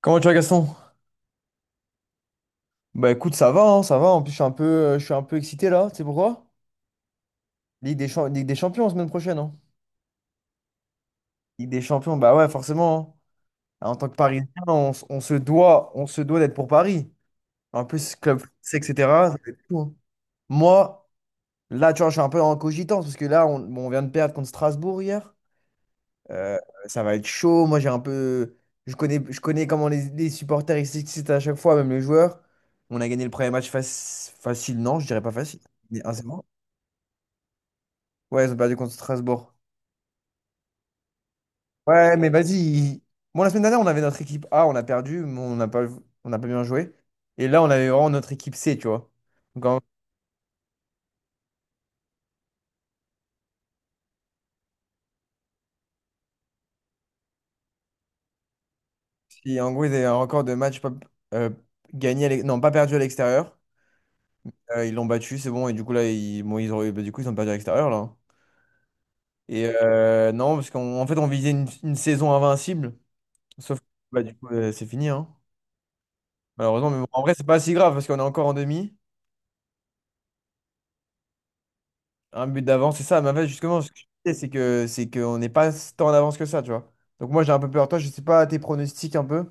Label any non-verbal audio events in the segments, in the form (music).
Comment tu vas Gaston? Écoute, ça va, hein, ça va. En plus, je suis un peu, je suis un peu excité là. Tu sais pourquoi? Ligue des Champions semaine prochaine. Hein. Ligue des Champions, bah ouais, forcément. Hein. En tant que Parisien, on se doit d'être pour Paris. En plus, club français, etc. Ça va être fou, hein. Moi, là, tu vois, je suis un peu en cogitance parce que on vient de perdre contre Strasbourg hier. Euh, ça va être chaud. Moi, j'ai un peu, je connais comment les supporters ils s'excitent à chaque fois, même les joueurs. On a gagné le premier match fac- facile, non, je dirais pas facile. Mais 1. Ouais, ils ont perdu contre Strasbourg. Ouais, mais vas-y. ils- Bon, la semaine dernière, on avait notre équipe A, on a perdu, on n'a pas bien joué. Et là, on avait vraiment notre équipe C, tu vois. Donc, en, si- En gros, ils avaient un record de matchs pas, euh, non, pas perdu à l'extérieur. Ils l'ont battu, c'est bon. Et du coup, là, ils, bon, ils ont, bah, du coup, ils ont perdu à l'extérieur, là. Hein. Non, parce qu'en fait, on visait une saison invincible. Sauf que, bah, du coup, c'est fini, hein. Malheureusement, mais bon, en vrai, c'est pas si grave parce qu'on est encore en demi. Un but d'avance, c'est ça. Mais en fait, justement, ce que je disais, c'est que c'est qu'on n'est pas tant en avance que ça, tu vois. Donc moi, j'ai un peu peur. Toi, je sais pas tes pronostics un peu.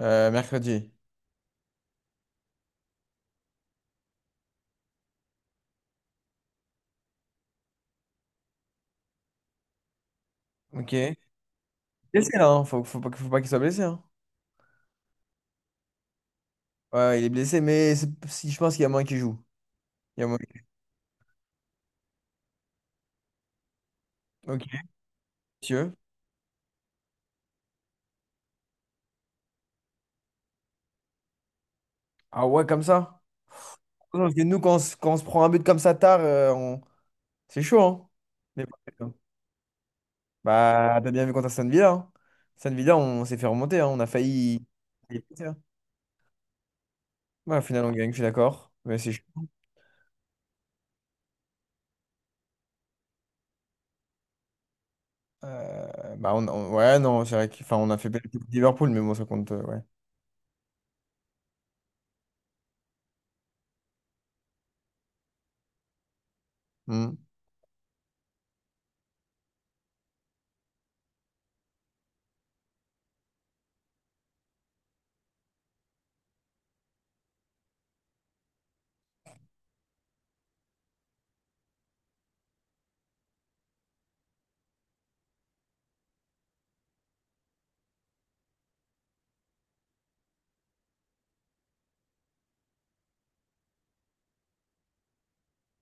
Mercredi. Ok. Blessé là, hein. Faut pas qu'il soit blessé. Hein. Ouais, il est blessé, mais si je pense qu'il y a moins qu'il joue. Il y a moyen- Ok, monsieur. Ah ouais, comme ça. Non, parce que nous, quand on se prend un but comme ça tard, on… c'est chaud, hein. Mais bon, c'est bon. Bah, t'as bien vu contre Aston Villa. Hein. Aston Villa, on s'est fait remonter. Hein. On a failli. Ouais, au final, on gagne, je suis d'accord. Mais c'est chaud. Ouais, non, c'est vrai qu'enfin, on a fait belle équipe Liverpool, mais bon, ça compte, ouais. Hmm.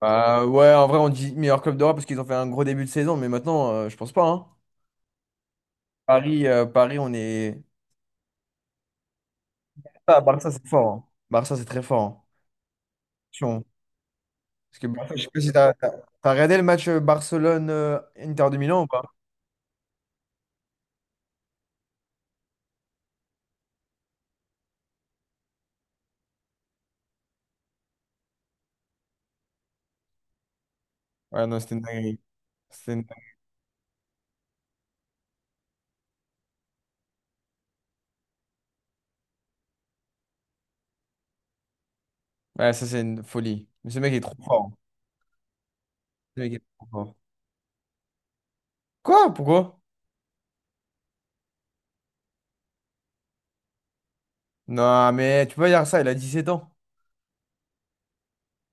Bah, ouais, en vrai, on dit meilleur club d'Europe parce qu'ils ont fait un gros début de saison, mais maintenant, je pense pas, hein. Paris, on est. Ah, Barça, c'est fort. Hein. Barça, c'est très fort. Hein. Attention. Parce que Barça, je sais pas si t'as t'as… regardé le match Barcelone-Inter de Milan ou pas? Ouais, non, c'était une dinguerie. C'était une dinguerie. Ouais, ça, c'est une folie. Mais ce mec est trop fort. Hein. Ce mec est trop fort. Quoi? Pourquoi? Non, mais tu peux pas dire ça, il a 17 ans.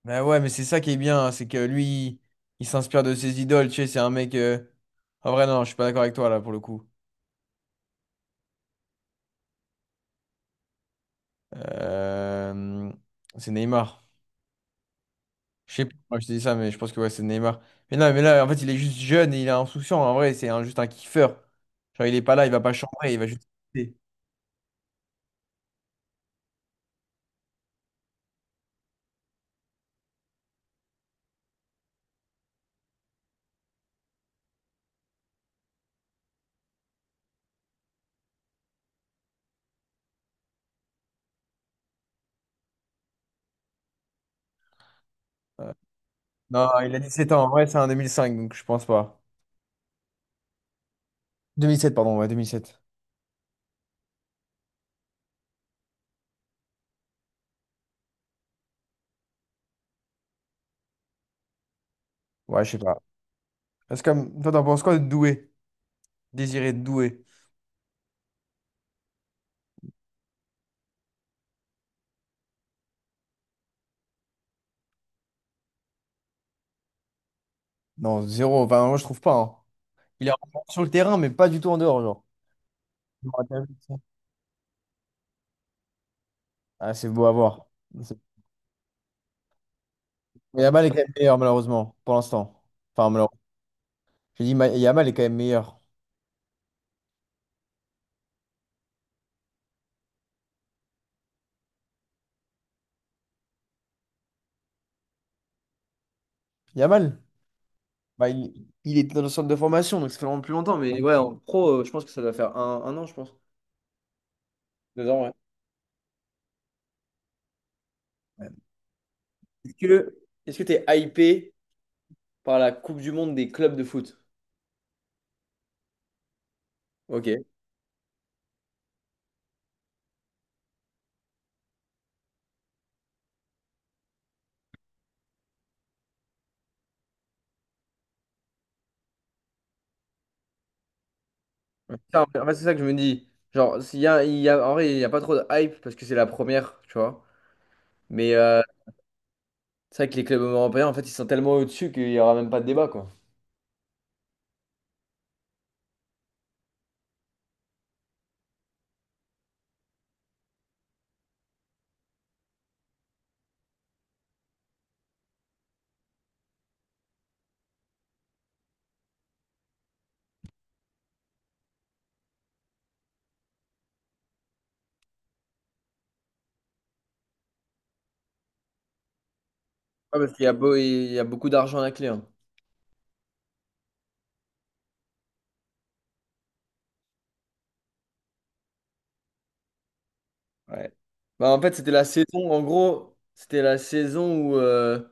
Bah ouais, mais c'est ça qui est bien, hein, c'est que il s'inspire de ses idoles, tu sais, c'est un mec… en vrai, non, je suis pas d'accord avec toi, là, pour le coup. Euh, C'est Neymar. Je sais plus, moi je te dis ça, mais je pense que ouais, c'est Neymar. Mais non, mais là, en fait, il est juste jeune et il est insouciant, en vrai, juste un kiffeur. Genre, il est pas là, il va pas chambrer, il va juste… kiffer. Euh, Non, il a 17 ans, en vrai, c'est un 2005 donc je pense pas. Deux mille sept pardon, ouais, 2007. Ouais, je sais pas. Parce que, toi, t'en penses quoi de Doué? Désiré Doué? Non, zéro, enfin, moi, je trouve pas, hein. Il est rentré sur le terrain, mais pas du tout en dehors, genre. Je me rappelle plus de ça. Ah, c'est beau à voir. C'est- Mais Yamal est quand même meilleur, malheureusement, pour l'instant. Enfin, malheureusement. J'ai dit, Yamal est quand même meilleur. Yamal, bah, il… il était dans le centre de formation, donc ça fait vraiment plus longtemps. Mais ouais, en pro, je pense que ça doit faire un an, je pense. Deux ans, ouais. Est-ce que est-ce que t'es hypé par la Coupe du Monde des clubs de foot? Ok. Ouais. En fait, c'est ça que je me dis. Genre, il y a, en vrai, il n'y a pas trop de hype parce que c'est la première, tu vois. Mais c'est vrai que les clubs européens, en fait, ils sont tellement au-dessus qu'il n'y aura même pas de débat, quoi. Ouais, parce qu'il y a beau, il y a beaucoup d'argent à la clé. Hein. Ouais. Bah, en fait, c'était la saison, en gros, c'était la saison où, euh,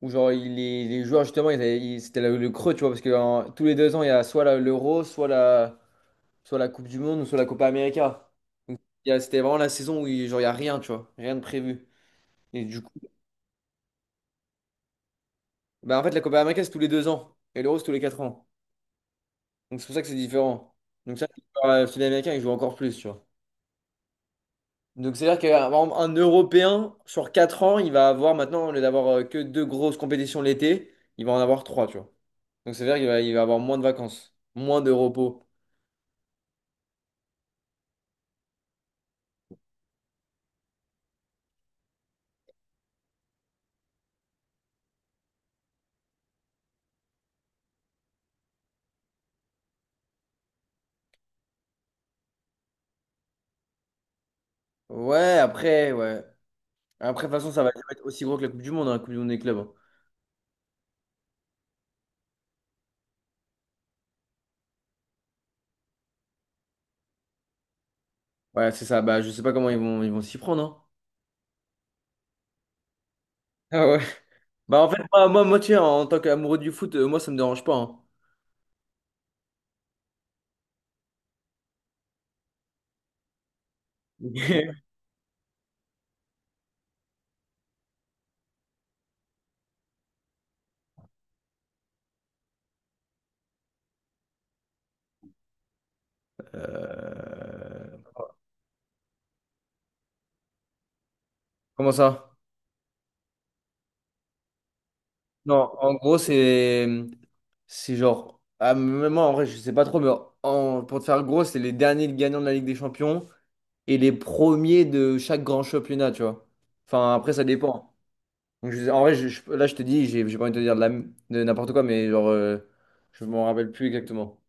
où genre, il- les, les joueurs, justement, c'était le creux, tu vois, parce que en- tous les deux ans, il y a l'Euro, soit la Coupe du Monde, ou soit la Copa América. Donc, il y a- c'était vraiment la saison où il, genre, il n'y a rien, tu vois, rien de prévu. Et du coup, bah, en fait, la Copa América, c'est tous les deux ans, et l'Euro, c'est tous les quatre ans. Donc, c'est pour ça que c'est différent. Donc, ça, les joueurs, sud-américains, ils jouent encore plus, tu vois. Donc c'est-à-dire qu'un un Européen, sur 4 ans, il va avoir maintenant, au lieu d'avoir que deux grosses compétitions l'été, il va en avoir trois, tu vois. Donc c'est-à-dire il va avoir moins de vacances, moins de repos. Ouais. Après, de toute façon, ça va être aussi gros que la Coupe du Monde, hein, la Coupe du Monde des clubs. Hein. Ouais, c'est ça. Bah, je sais pas comment ils vont s'y prendre, hein. (laughs) Ah ouais. Bah, en fait, moi, tu sais, en tant qu'amoureux du foot, moi, ça me dérange pas, hein. (laughs) Euh, comment ça? Non, en gros, c'est genre. Ah, même moi, en vrai, je sais pas trop, mais en- pour te faire gros, c'est les derniers gagnants de la Ligue des Champions et les premiers de chaque grand championnat, tu vois. Enfin, après, ça dépend. Donc, je- en vrai, je- là, je te dis, j'ai pas envie de te dire de, de n'importe quoi, mais genre, je m'en rappelle plus exactement.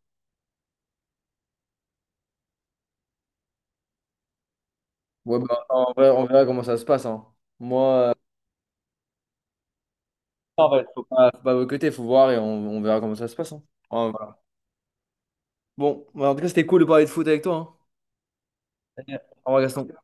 Ouais, bah, en vrai, on verra comment ça se passe. Hein. Moi, euh, en vrai, faut pas boycotter, faut voir et on verra comment ça se passe. Hein. Ouais, voilà. Bon, bah, en tout cas, c'était cool de parler de foot avec toi. Hein. Au revoir, Gaston.